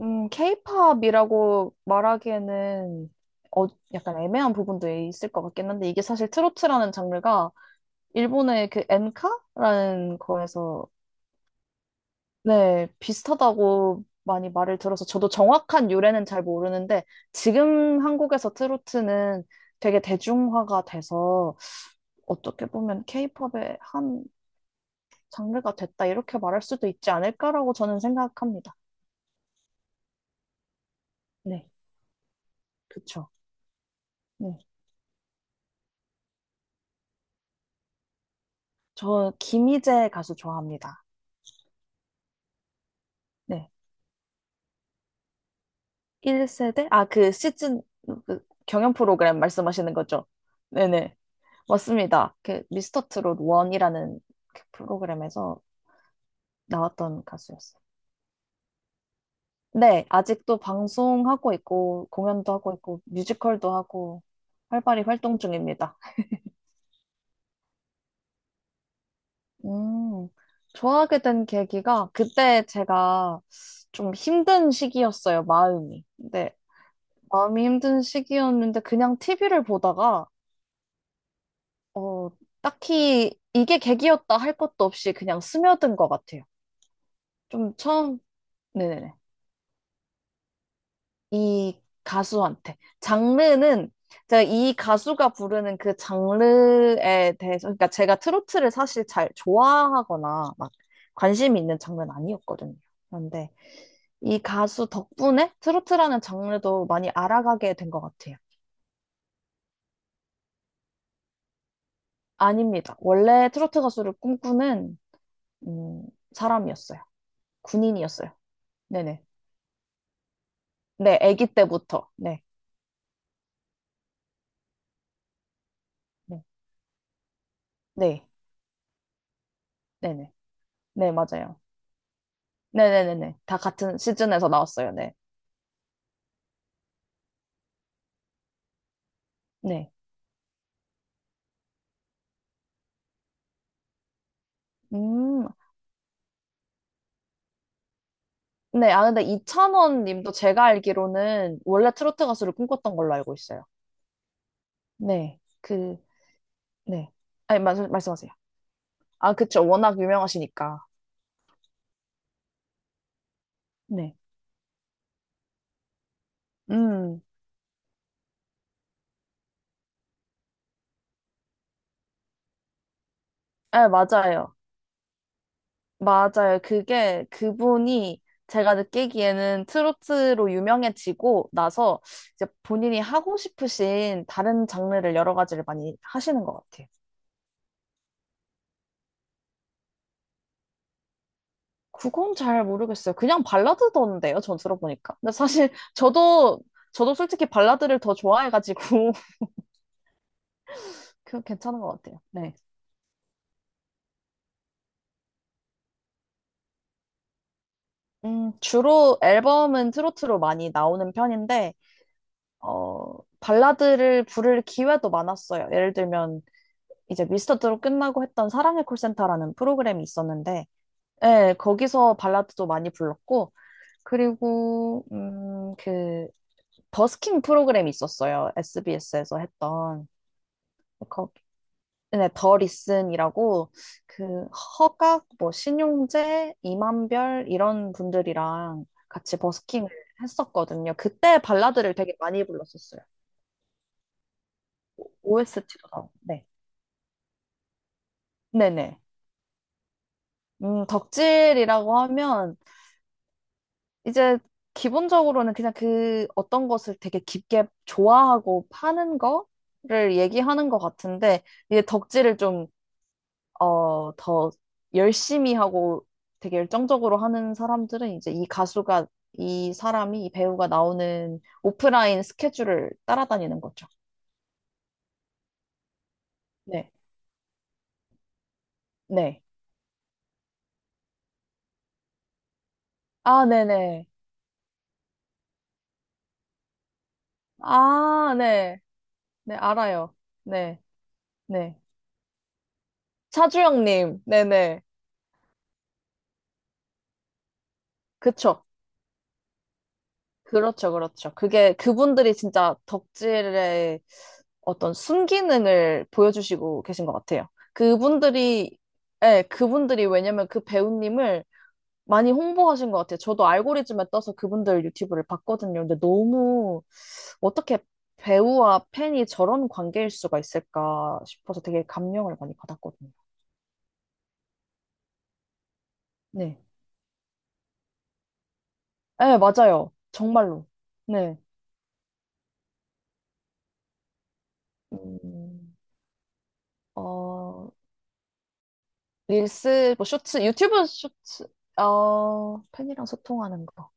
케이팝이라고 말하기에는 어, 약간 애매한 부분도 있을 것 같긴 한데 이게 사실 트로트라는 장르가 일본의 그 엔카라는 거에서 네, 비슷하다고 많이 말을 들어서 저도 정확한 유래는 잘 모르는데 지금 한국에서 트로트는 되게 대중화가 돼서 어떻게 보면 케이팝의 한 장르가 됐다, 이렇게 말할 수도 있지 않을까라고 저는 생각합니다. 네, 그쵸. 네. 저 김희재 가수 좋아합니다. 네. 1세대? 아, 그 시즌, 그 경연 프로그램 말씀하시는 거죠? 네네. 맞습니다. 그 미스터 트롯 1이라는 그 프로그램에서 나왔던 가수였어요. 네, 아직도 방송하고 있고, 공연도 하고 있고, 뮤지컬도 하고, 활발히 활동 중입니다. 음, 좋아하게 된 계기가 그때 제가 좀 힘든 시기였어요, 마음이. 네, 마음이 힘든 시기였는데 그냥 TV를 보다가 어, 딱히 이게 계기였다 할 것도 없이 그냥 스며든 것 같아요. 좀 처음, 네네네. 이 가수한테. 장르는 제가 이 가수가 부르는 그 장르에 대해서, 그러니까 제가 트로트를 사실 잘 좋아하거나 막 관심이 있는 장르는 아니었거든요. 그런데 이 가수 덕분에 트로트라는 장르도 많이 알아가게 된 것 같아요. 아닙니다. 원래 트로트 가수를 꿈꾸는, 음, 사람이었어요. 군인이었어요. 네네. 네, 아기 때부터. 네, 네, 네, 네, 네, 네, 맞아요. 네, 네, 네, 네, 다 같은 시즌에서 나왔어요. 네, 네, 음, 네, 아 근데 이찬원 님도 제가 알기로는 원래 트로트 가수를 꿈꿨던 걸로 알고 있어요. 네, 그, 네, 아니 말씀하세요. 아, 그쵸, 워낙 유명하시니까. 네, 음, 네, 맞아요. 맞아요. 그게 그분이 제가 느끼기에는 트로트로 유명해지고 나서 이제 본인이 하고 싶으신 다른 장르를 여러 가지를 많이 하시는 것 같아요. 그건 잘 모르겠어요. 그냥 발라드던데요, 전 들어보니까. 근데 사실 저도, 저도 솔직히 발라드를 더 좋아해가지고, 그 괜찮은 것 같아요. 네. 주로 앨범은 트로트로 많이 나오는 편인데, 발라드를 부를 기회도 많았어요. 예를 들면, 이제 미스터 트롯 끝나고 했던 사랑의 콜센터라는 프로그램이 있었는데, 예, 거기서 발라드도 많이 불렀고, 그리고, 그, 버스킹 프로그램이 있었어요. SBS에서 했던. 거기, 네, 더 리슨이라고, 그, 허각, 뭐, 신용재, 이만별, 이런 분들이랑 같이 버스킹을 했었거든요. 그때 발라드를 되게 많이 불렀었어요. OST도 나오고, 네. 네네. 덕질이라고 하면, 이제 기본적으로는 그냥 그 어떤 것을 되게 깊게 좋아하고 파는 거를 얘기하는 것 같은데, 이제 덕질을 좀, 더 열심히 하고 되게 열정적으로 하는 사람들은 이제 이 가수가, 이 사람이, 이 배우가 나오는 오프라인 스케줄을 따라다니는 거죠. 네. 네. 아, 네네. 아, 네. 네, 알아요. 네. 네. 차주영님. 네네. 그쵸. 그렇죠, 그렇죠. 그게 그분들이 진짜 덕질의 어떤 순기능을 보여주시고 계신 것 같아요. 그분들이, 예, 그분들이 왜냐면 그 배우님을 많이 홍보하신 것 같아요. 저도 알고리즘에 떠서 그분들 유튜브를 봤거든요. 근데 너무 어떻게 배우와 팬이 저런 관계일 수가 있을까 싶어서 되게 감명을 많이 받았거든요. 네. 예, 맞아요. 정말로. 네. 음, 어, 릴스, 뭐 쇼츠, 유튜브 쇼츠, 팬이랑 소통하는 거.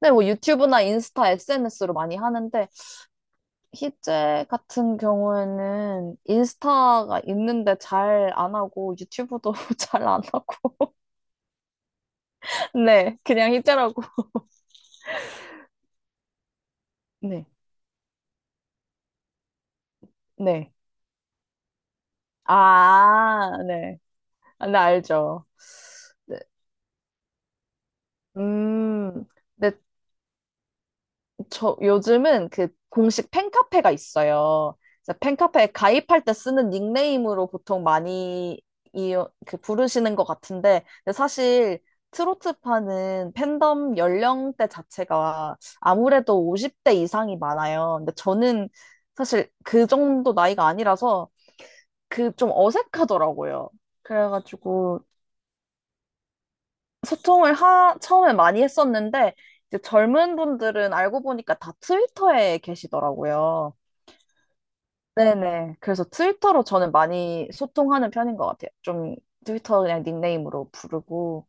네 뭐 유튜브나 인스타, SNS로 많이 하는데, 희재 같은 경우에는 인스타가 있는데 잘 안 하고, 유튜브도 잘 안 하고, 네, 그냥 희재라고. 네, 네. 아, 네. 아, 네, 알죠. 네. 음, 네, 저 요즘은 그 공식 팬카페가 있어요. 그래서 팬카페에 가입할 때 쓰는 닉네임으로 보통 많이 이, 그 부르시는 것 같은데, 근데 사실 트로트파는 팬덤 연령대 자체가 아무래도 50대 이상이 많아요. 근데 저는 사실 그 정도 나이가 아니라서 그 좀 어색하더라고요. 그래가지고 소통을 처음에 많이 했었는데, 이제 젊은 분들은 알고 보니까 다 트위터에 계시더라고요. 네네. 그래서 트위터로 저는 많이 소통하는 편인 것 같아요. 좀 트위터 그냥 닉네임으로 부르고.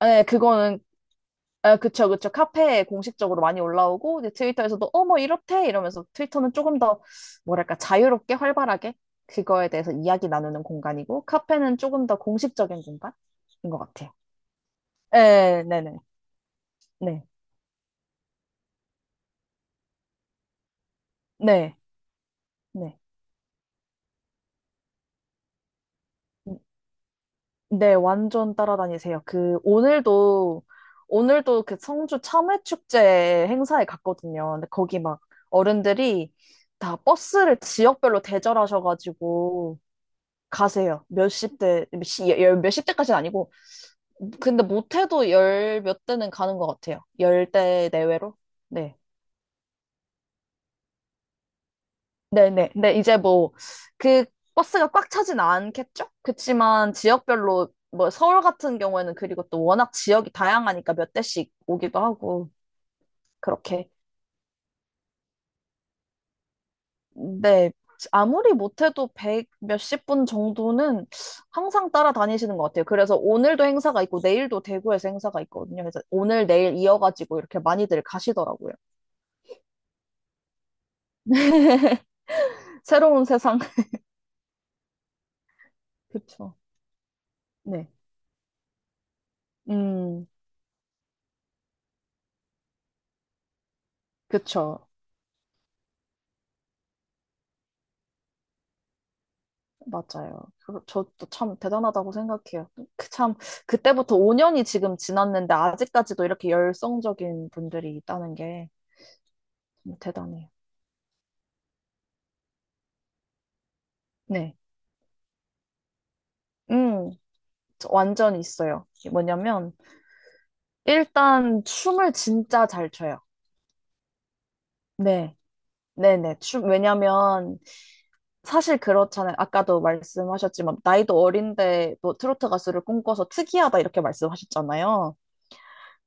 아, 네, 그거는, 아, 그쵸, 그쵸. 카페에 공식적으로 많이 올라오고, 이제 트위터에서도, 어, 뭐, 이렇대! 이러면서 트위터는 조금 더, 뭐랄까, 자유롭게, 활발하게, 그거에 대해서 이야기 나누는 공간이고, 카페는 조금 더 공식적인 공간인 것 같아요. 네, 네네. 네, 네, 네. 네, 완전 따라다니세요. 그, 오늘도 그 성주 참외축제 행사에 갔거든요. 근데 거기 막 어른들이 다 버스를 지역별로 대절하셔가지고 가세요. 몇십 대, 열 몇십 대까지는 아니고. 근데 못해도 열몇 대는 가는 것 같아요. 열대 내외로. 네. 네네. 근데 이제 뭐, 그 버스가 꽉 차진 않겠죠? 그치만 지역별로, 뭐, 서울 같은 경우에는 그리고 또 워낙 지역이 다양하니까 몇 대씩 오기도 하고, 그렇게. 네. 아무리 못해도 백 몇십 분 정도는 항상 따라다니시는 것 같아요. 그래서 오늘도 행사가 있고, 내일도 대구에서 행사가 있거든요. 그래서 오늘, 내일 이어가지고 이렇게 많이들 가시더라고요. 새로운 세상. 그쵸. 네. 음, 그쵸. 맞아요. 저도 참 대단하다고 생각해요. 그 참, 그때부터 5년이 지금 지났는데, 아직까지도 이렇게 열성적인 분들이 있다는 게참 대단해요. 네. 음, 저 완전 있어요. 이게 뭐냐면, 일단 춤을 진짜 잘 춰요. 네. 네네. 춤, 왜냐면, 사실 그렇잖아요. 아까도 말씀하셨지만, 나이도 어린데, 도 트로트 가수를 꿈꿔서 특이하다, 이렇게 말씀하셨잖아요.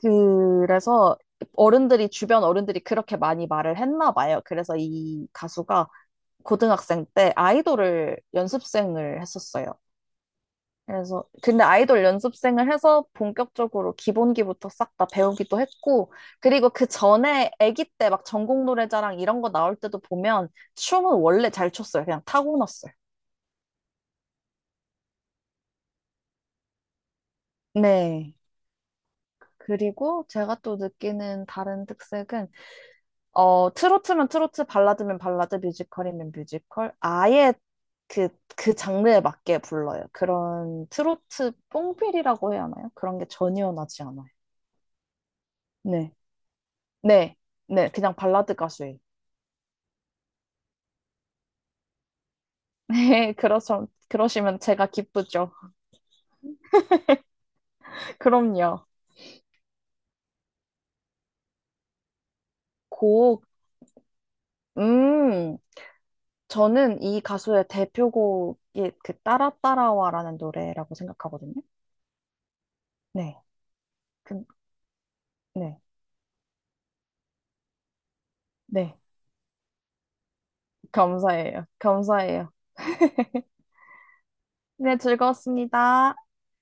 그래서 어른들이, 주변 어른들이 그렇게 많이 말을 했나 봐요. 그래서 이 가수가 고등학생 때 아이돌을 연습생을 했었어요. 그래서, 근데 아이돌 연습생을 해서 본격적으로 기본기부터 싹 다 배우기도 했고, 그리고 그 전에 아기 때 막 전국 노래자랑 이런 거 나올 때도 보면 춤은 원래 잘 췄어요. 그냥 타고났어요. 네. 그리고 제가 또 느끼는 다른 특색은 어, 트로트면 트로트, 발라드면 발라드, 뮤지컬이면 뮤지컬. 아예 그, 그 장르에 맞게 불러요. 그런 트로트 뽕필이라고 해야 하나요? 그런 게 전혀 나지 않아요. 네. 네. 네. 그냥 발라드 가수예요. 네. 그러시면 제가 기쁘죠. 그럼요. 곡, 음, 저는 이 가수의 대표곡이 그 따라 따라와라는 노래라고 생각하거든요. 네. 그, 네. 네. 감사해요. 감사해요. 네, 즐거웠습니다.